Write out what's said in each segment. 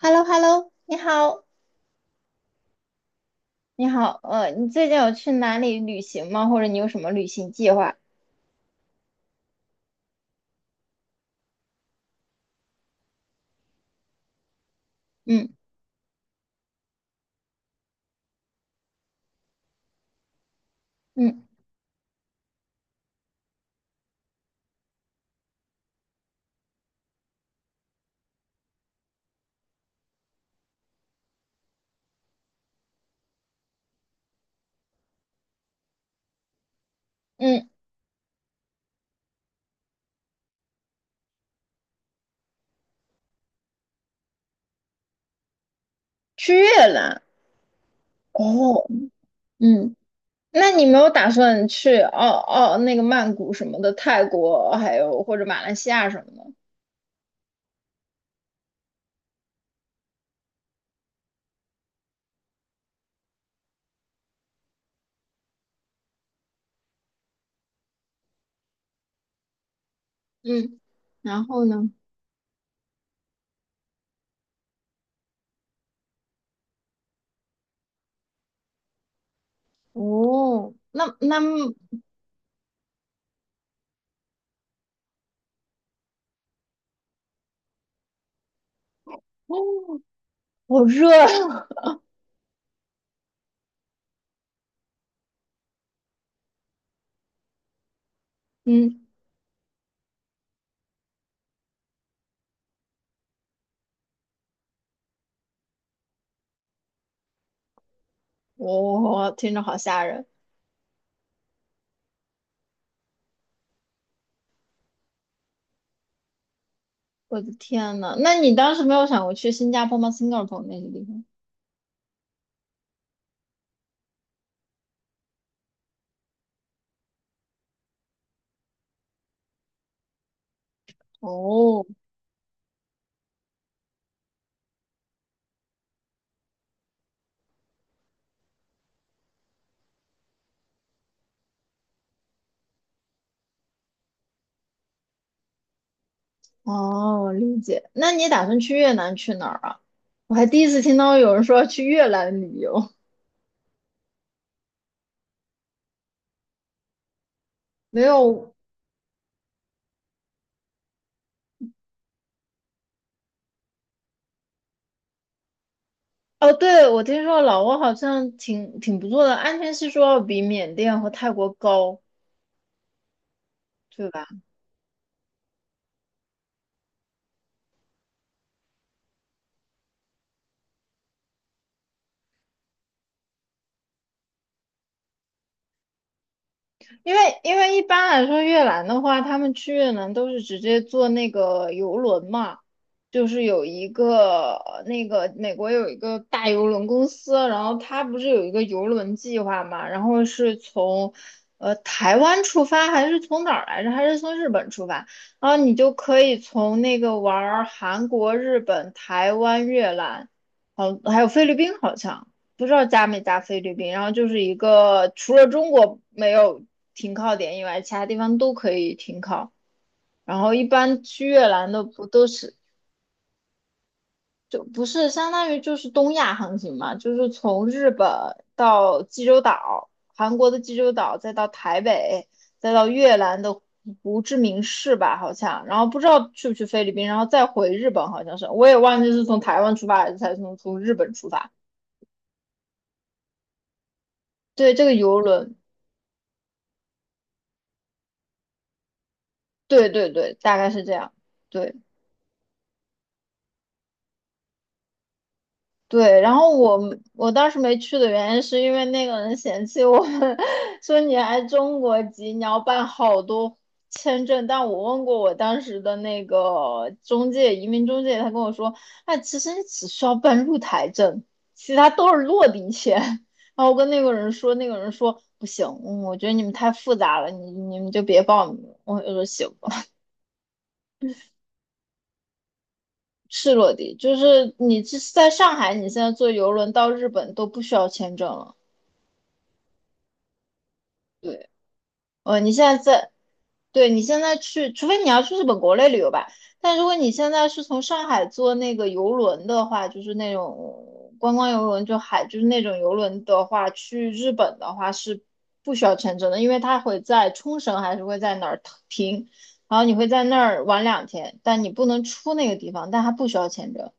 h e l l o h e l l o 你好，你好，你最近有去哪里旅行吗？或者你有什么旅行计划？嗯嗯嗯，去越南哦，嗯，那你没有打算去那个曼谷什么的，泰国还有或者马来西亚什么的？嗯，然后呢？哦，哦，好热啊，嗯，听着好吓人，我的天呐，那你当时没有想过去新加坡吗新加坡那些地方？哦，哦，我理解。那你打算去越南去哪儿啊？我还第一次听到有人说要去越南旅游，没有。哦，对，我听说老挝好像挺不错的，安全系数要比缅甸和泰国高，对吧？因为一般来说，越南的话，他们去越南都是直接坐那个游轮嘛，就是有一个那个美国有一个大游轮公司，然后它不是有一个游轮计划嘛，然后是从台湾出发，还是从哪儿来着？还是从日本出发？然后你就可以从那个玩儿韩国、日本、台湾、越南，好，还有菲律宾好像。不知道加没加菲律宾，然后就是一个除了中国没有停靠点以外，其他地方都可以停靠。然后一般去越南的不都是就不是相当于就是东亚航行嘛，就是从日本到济州岛，韩国的济州岛，再到台北，再到越南的胡志明市吧，好像。然后不知道去不去菲律宾，然后再回日本，好像是我也忘记是从台湾出发还是才从日本出发。对，这个游轮。对对对，大概是这样。对对，然后我当时没去的原因是因为那个人嫌弃我们，说你来中国籍，你要办好多签证。但我问过我当时的那个中介，移民中介，他跟我说，哎，其实你只需要办入台证，其他都是落地签。然后我跟那个人说，那个人说不行，嗯，我觉得你们太复杂了，你们就别报名了。我就说行吧。是落地，就是你这在上海，你现在坐游轮到日本都不需要签证了。你现在在，对你现在去，除非你要去日本国内旅游吧。但如果你现在是从上海坐那个游轮的话，就是那种观光游轮，就海，就是那种游轮的话，去日本的话是不需要签证的，因为它会在冲绳还是会在哪儿停，然后你会在那儿玩两天，但你不能出那个地方，但它不需要签证。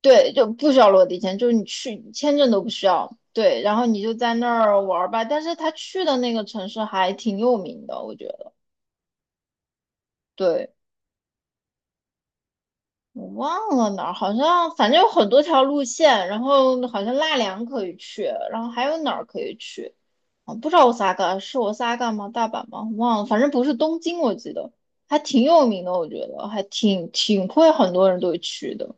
对，就不需要落地签，就是你去签证都不需要。对，然后你就在那儿玩儿吧。但是他去的那个城市还挺有名的，我觉得。对，我忘了哪儿，好像反正有很多条路线，然后好像纳凉可以去，然后还有哪儿可以去？啊，不知道我 s a 是我 s a 吗？大阪吗？忘了，反正不是东京，我记得还挺有名的，我觉得还挺挺会很多人都会去的。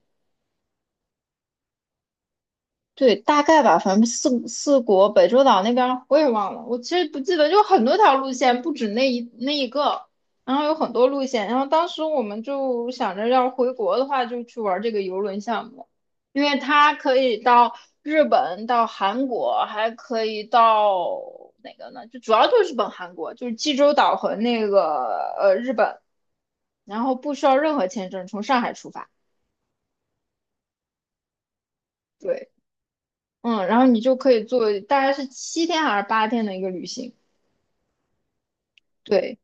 对，大概吧，反正四国北洲岛那边儿我也忘了，我其实不记得，就很多条路线，不止那一个，然后有很多路线，然后当时我们就想着要是回国的话，就去玩这个游轮项目，因为它可以到日本、到韩国，还可以到哪个呢？就主要就是日本、韩国，就是济州岛和那个日本，然后不需要任何签证，从上海出发。对。嗯，然后你就可以做大概是7天还是8天的一个旅行。对，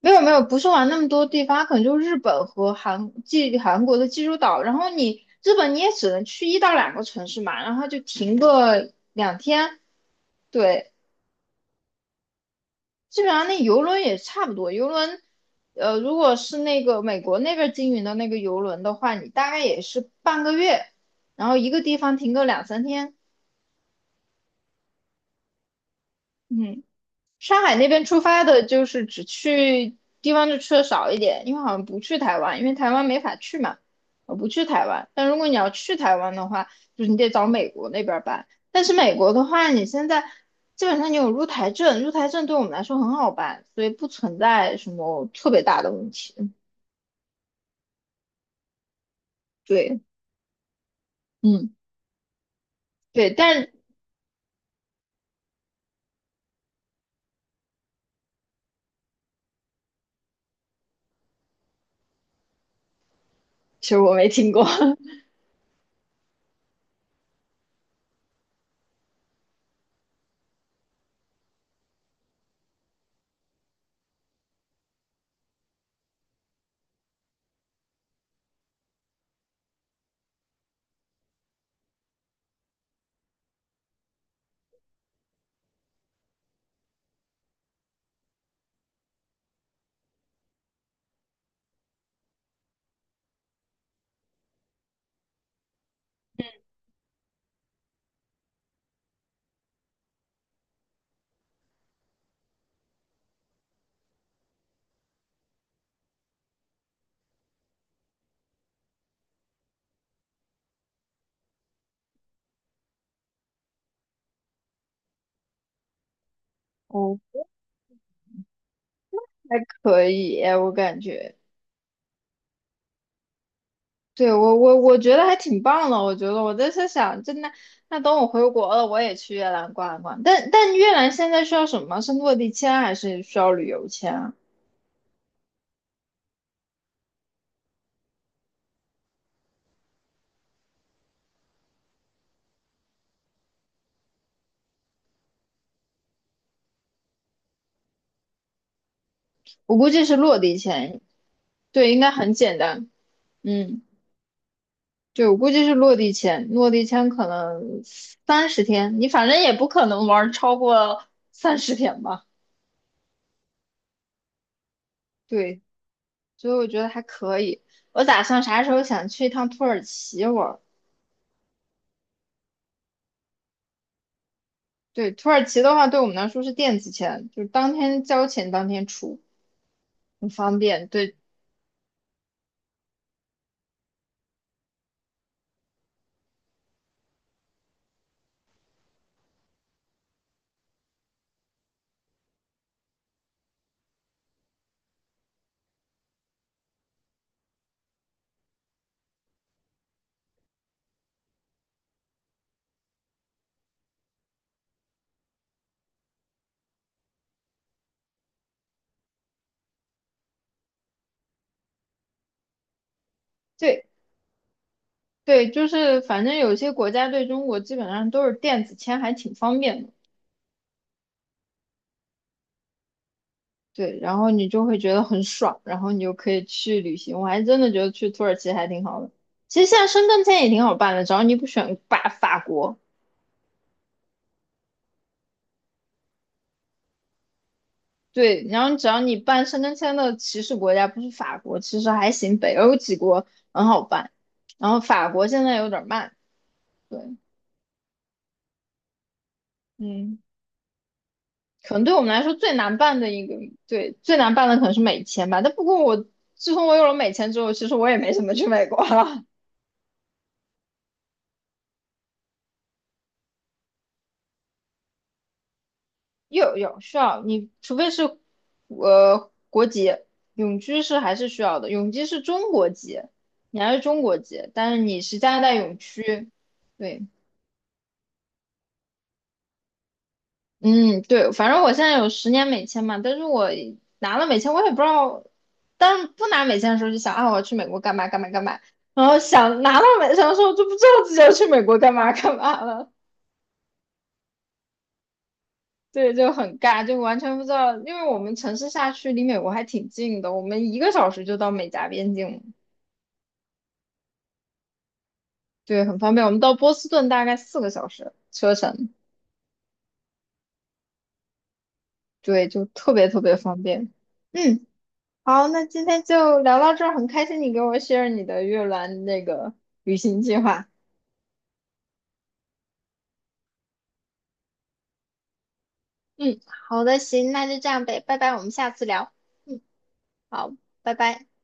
没有没有，不是玩那么多地方，可能就日本和韩国的济州岛。然后你日本你也只能去1到2个城市嘛，然后就停个两天。对，基本上那游轮也差不多。游轮，如果是那个美国那边经营的那个游轮的话，你大概也是半个月，然后一个地方停个2、3天。嗯。上海那边出发的，就是只去地方就去的少一点，因为好像不去台湾，因为台湾没法去嘛，我不去台湾。但如果你要去台湾的话，就是你得找美国那边儿办。但是美国的话，你现在基本上你有入台证，入台证对我们来说很好办，所以不存在什么特别大的问题。对，嗯，对，但其实我没听过，哦，还可以，我感觉。对，我觉得还挺棒的，我觉得我在想，真的，那等我回国了，我也去越南逛一逛。但越南现在需要什么？是落地签还是需要旅游签啊？我估计是落地签，对，应该很简单。嗯，对，我估计是落地签，落地签可能三十天，你反正也不可能玩超过三十天吧？对，所以我觉得还可以。我打算啥时候想去一趟土耳其玩。对，土耳其的话，对我们来说是电子签，就是当天交钱当天出，很方便。对对对，就是反正有些国家对中国基本上都是电子签，还挺方便的。对，然后你就会觉得很爽，然后你就可以去旅行。我还真的觉得去土耳其还挺好的。其实现在申根签也挺好办的，只要你不选国。对，然后只要你办申根签的起始国家不是法国，其实还行，北欧几国很好办。然后法国现在有点慢。对，嗯。可能对我们来说最难办的一个，对，最难办的可能是美签吧。但不过我自从我有了美签之后，其实我也没怎么去美国了。有需要你，除非是国籍，永居是还是需要的。永居是中国籍，你还是中国籍，但是你是加拿大永居，对。嗯，对，反正我现在有10年美签嘛，但是我拿了美签，我也不知道，但是不拿美签的时候就想啊，我要去美国干嘛干嘛干嘛，然后想拿到美签的时候就不知道自己要去美国干嘛干嘛了，对，就很尬，就完全不知道，因为我们城市下去离美国还挺近的，我们1个小时就到美加边境了对，很方便，我们到波士顿大概4个小时车程，对，就特别特别方便，嗯。好，那今天就聊到这儿，很开心你给我 share 你的越南那个旅行计划。嗯，好的，行，那就这样呗，拜拜，我们下次聊。嗯，好，拜拜。